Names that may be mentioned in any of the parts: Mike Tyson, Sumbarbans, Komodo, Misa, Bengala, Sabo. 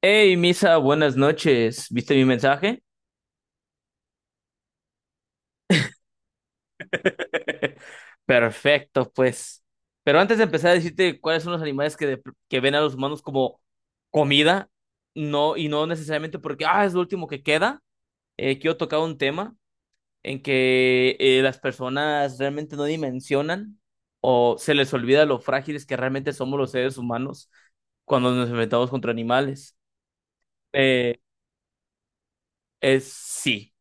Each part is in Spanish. Hey, Misa, buenas noches. ¿Viste mi mensaje? Perfecto, pues. Pero antes de empezar a decirte cuáles son los animales que ven a los humanos como comida, no, y no necesariamente porque, es lo último que queda, quiero tocar un tema en que las personas realmente no dimensionan o se les olvida lo frágiles que realmente somos los seres humanos cuando nos enfrentamos contra animales. Eh, es sí.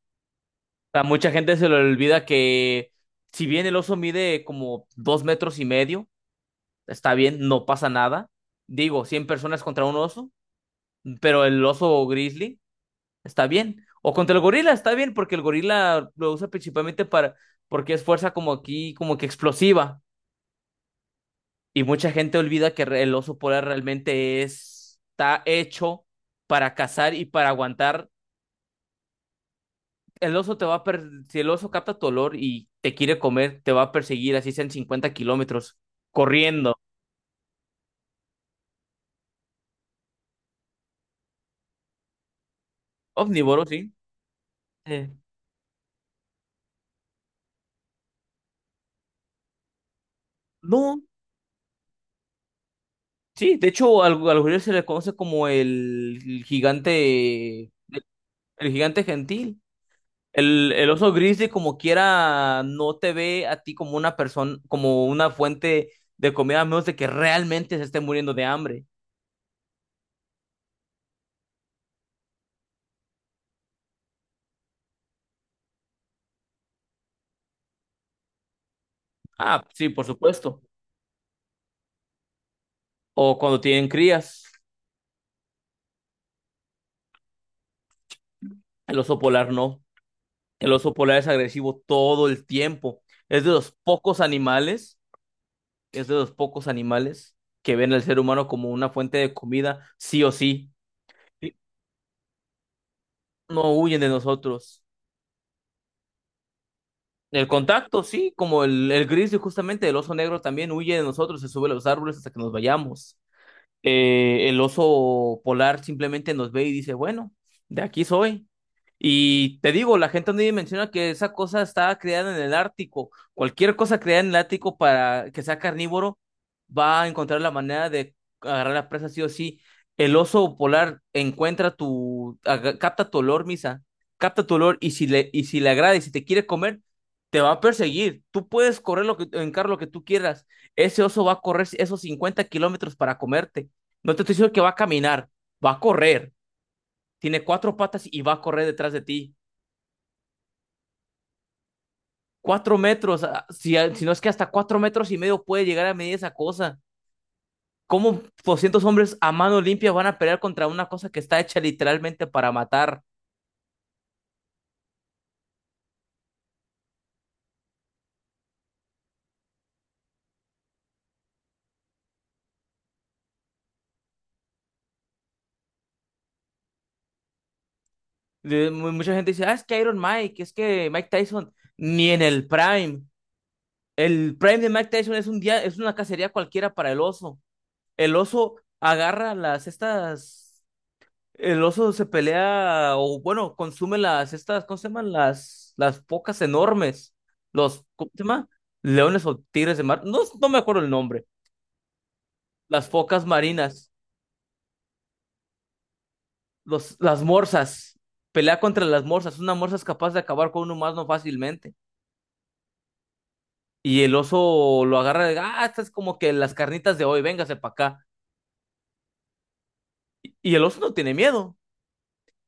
A mucha gente se le olvida que si bien el oso mide como 2 metros y medio, está bien, no pasa nada. Digo, 100 personas contra un oso, pero el oso grizzly está bien. O contra el gorila está bien, porque el gorila lo usa principalmente para, porque es fuerza como aquí, como que explosiva. Y mucha gente olvida que el oso polar realmente está hecho para cazar y para aguantar, el oso te va a per- si el oso capta tu olor y te quiere comer, te va a perseguir así sean 50 kilómetros corriendo. Omnívoro, sí. Sí. No, sí, de hecho al gorila se le conoce como el gigante, el gigante gentil. El oso gris de como quiera no te ve a ti como una persona, como una fuente de comida, a menos de que realmente se esté muriendo de hambre. Ah, sí, por supuesto. O cuando tienen crías, el oso polar no. El oso polar es agresivo todo el tiempo. Es de los pocos animales, es de los pocos animales que ven al ser humano como una fuente de comida, sí o sí. Sí. No huyen de nosotros. El contacto, sí, como el grizzly justamente, el oso negro también huye de nosotros, se sube a los árboles hasta que nos vayamos. El oso polar simplemente nos ve y dice, bueno, de aquí soy. Y te digo, la gente no menciona que esa cosa estaba creada en el Ártico. Cualquier cosa creada en el Ártico para que sea carnívoro va a encontrar la manera de agarrar la presa sí o sí. El oso polar capta tu olor, Misa, capta tu olor y si le agrada y si te quiere comer, te va a perseguir. Tú puedes correr lo que, en carro lo que tú quieras. Ese oso va a correr esos 50 kilómetros para comerte. No te estoy diciendo que va a caminar, va a correr. Tiene cuatro patas y va a correr detrás de ti. 4 metros, si no es que hasta 4 metros y medio puede llegar a medir esa cosa. ¿Cómo 200 hombres a mano limpia van a pelear contra una cosa que está hecha literalmente para matar? Mucha gente dice, es que Iron Mike, es que Mike Tyson, ni en el Prime. El Prime de Mike Tyson es un día, es una cacería cualquiera para el oso. El oso agarra las estas. El oso se pelea, o bueno, consume las, estas, ¿cómo se llaman? Las focas enormes. Los, ¿cómo se llama? Leones o tigres de mar. No, no me acuerdo el nombre. Las focas marinas. Los, las morsas. Pelea contra las morsas. Una morsa es capaz de acabar con un humano fácilmente. Y el oso lo agarra de, estas es como que las carnitas de hoy, véngase para acá. Y el oso no tiene miedo.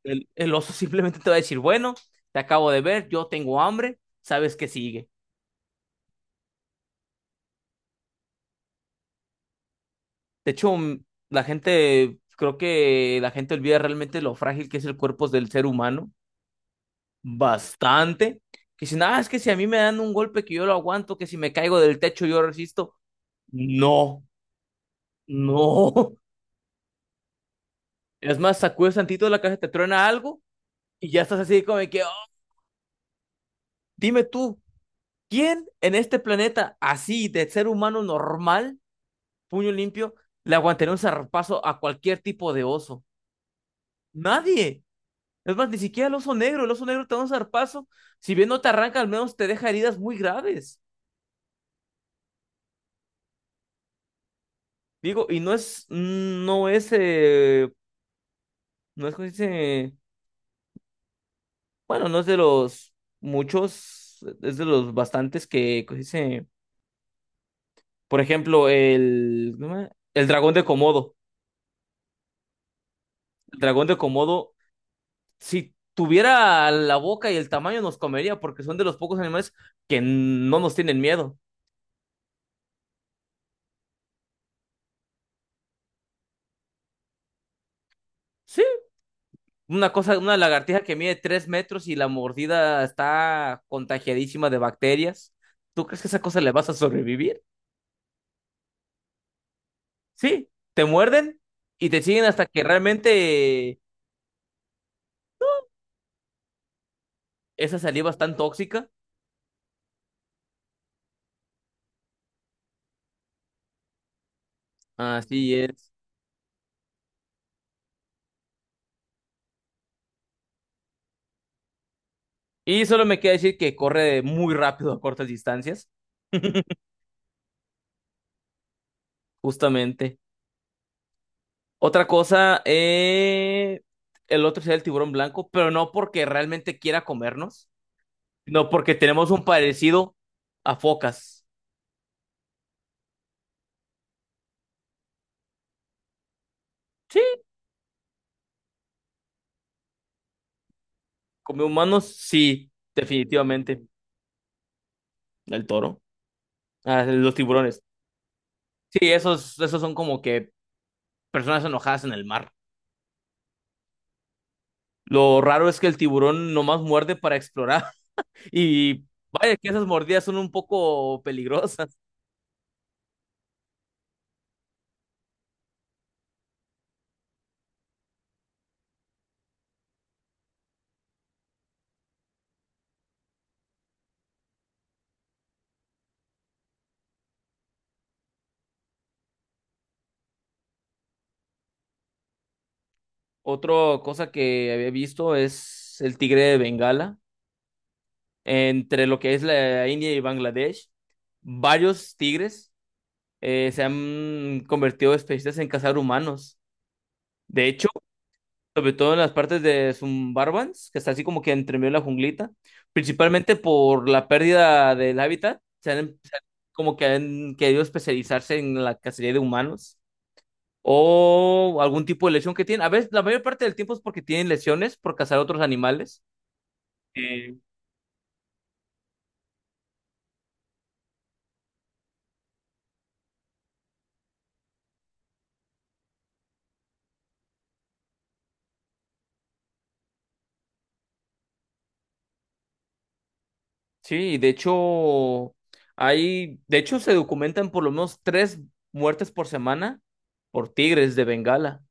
El oso simplemente te va a decir, bueno, te acabo de ver, yo tengo hambre, sabes que sigue. De hecho, creo que la gente olvida realmente lo frágil que es el cuerpo del ser humano. Bastante. Que si nada, es que si a mí me dan un golpe que yo lo aguanto, que si me caigo del techo yo resisto. No, no. Es más, sacudes tantito la caja te truena algo y ya estás así como de que, "Oh, dime tú, ¿quién en este planeta así de ser humano normal, puño limpio, le aguantaría un zarpazo a cualquier tipo de oso? Nadie. Es más, ni siquiera el oso negro te da un zarpazo. Si bien no te arranca, al menos te deja heridas muy graves. Digo, y no es, ¿cómo se dice? Bueno, no es de los muchos, es de los bastantes que, ¿cómo se dice? Por ejemplo, el, ¿cómo se llama? El dragón de Komodo. El dragón de Komodo, si tuviera la boca y el tamaño, nos comería, porque son de los pocos animales que no nos tienen miedo. Sí, una cosa, una lagartija que mide 3 metros y la mordida está contagiadísima de bacterias. ¿Tú crees que a esa cosa le vas a sobrevivir? Sí, te muerden y te siguen hasta que realmente esa saliva es tan tóxica. Así es. Y solo me queda decir que corre muy rápido a cortas distancias, justamente. Otra cosa, el otro sería el tiburón blanco, pero no porque realmente quiera comernos, no porque tenemos un parecido a focas. Sí, come humanos, sí, definitivamente. El toro. Ah, los tiburones. Sí, esos son como que personas enojadas en el mar. Lo raro es que el tiburón nomás muerde para explorar. Y vaya que esas mordidas son un poco peligrosas. Otra cosa que había visto es el tigre de Bengala. Entre lo que es la India y Bangladesh, varios tigres se han convertido especialistas en cazar humanos. De hecho, sobre todo en las partes de Sumbarbans, que está así como que entre medio de la junglita, principalmente por la pérdida del hábitat, se han, em, se han- como que han querido especializarse en la cacería de humanos o algún tipo de lesión que tienen. A veces, la mayor parte del tiempo es porque tienen lesiones por cazar otros animales. Eh, sí, y de hecho, hay, de hecho se documentan por lo menos tres muertes por semana por tigres de Bengala.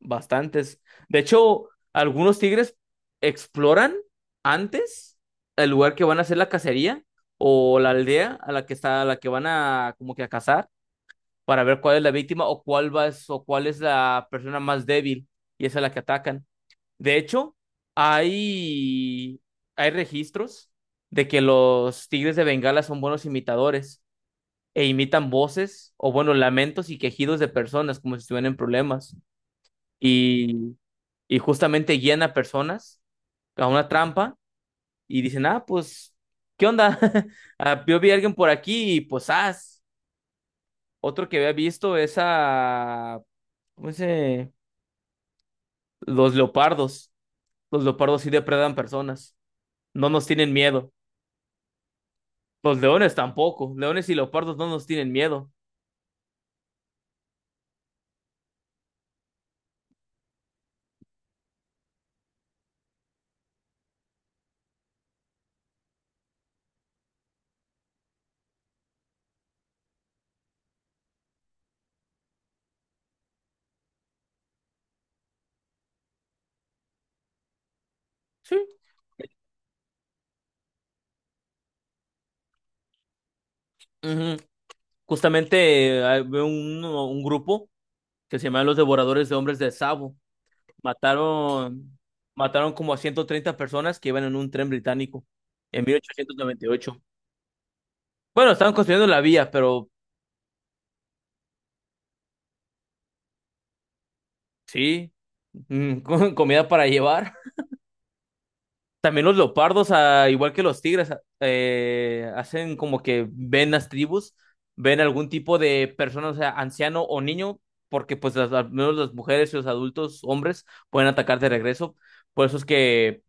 Bastantes. De hecho, algunos tigres exploran antes el lugar que van a hacer la cacería o la aldea a la que está, a la que van a como que a cazar para ver cuál es la víctima o o cuál es la persona más débil y esa es la que atacan. De hecho, hay hay registros de que los tigres de Bengala son buenos imitadores e imitan voces o bueno, lamentos y quejidos de personas como si estuvieran en problemas. Y y justamente guían a personas a una trampa y dicen, ah, pues, ¿qué onda? Ah, yo vi a alguien por aquí y pues, otro que había visto es a, ¿cómo se? Los leopardos. Los leopardos sí depredan personas, no nos tienen miedo. Los leones tampoco, leones y leopardos no nos tienen miedo. Sí. Ujú. Justamente había un grupo que se llama los devoradores de hombres de Sabo. Mataron, mataron como a 130 personas que iban en un tren británico en 1898. Bueno, estaban construyendo la vía, pero sí, con comida para llevar. También los leopardos, igual que los tigres, hacen como que ven las tribus, ven algún tipo de persona, o sea, anciano o niño, porque pues al menos las mujeres y los adultos, hombres, pueden atacar de regreso. Por eso es que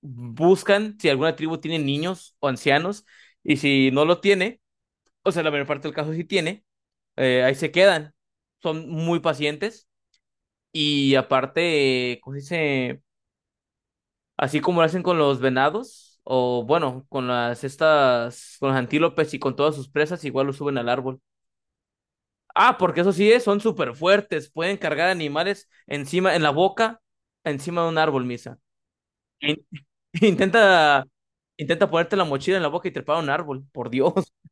buscan si alguna tribu tiene niños o ancianos, y si no lo tiene, o sea, la mayor parte del caso sí tiene, ahí se quedan. Son muy pacientes y aparte, ¿cómo se dice? Así como lo hacen con los venados, o bueno, con las estas, con los antílopes y con todas sus presas, igual lo suben al árbol. Ah, porque eso sí es, son súper fuertes, pueden cargar animales encima, en la boca, encima de un árbol, Misa. Intenta, intenta ponerte la mochila en la boca y trepar a un árbol, por Dios.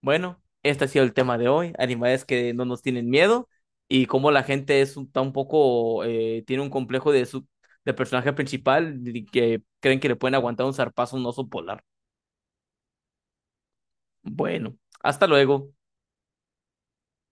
Bueno, este ha sido el tema de hoy, animales que no nos tienen miedo y cómo la gente es un, está un poco, tiene un complejo de personaje principal y que creen que le pueden aguantar un zarpazo a un oso polar. Bueno, hasta luego.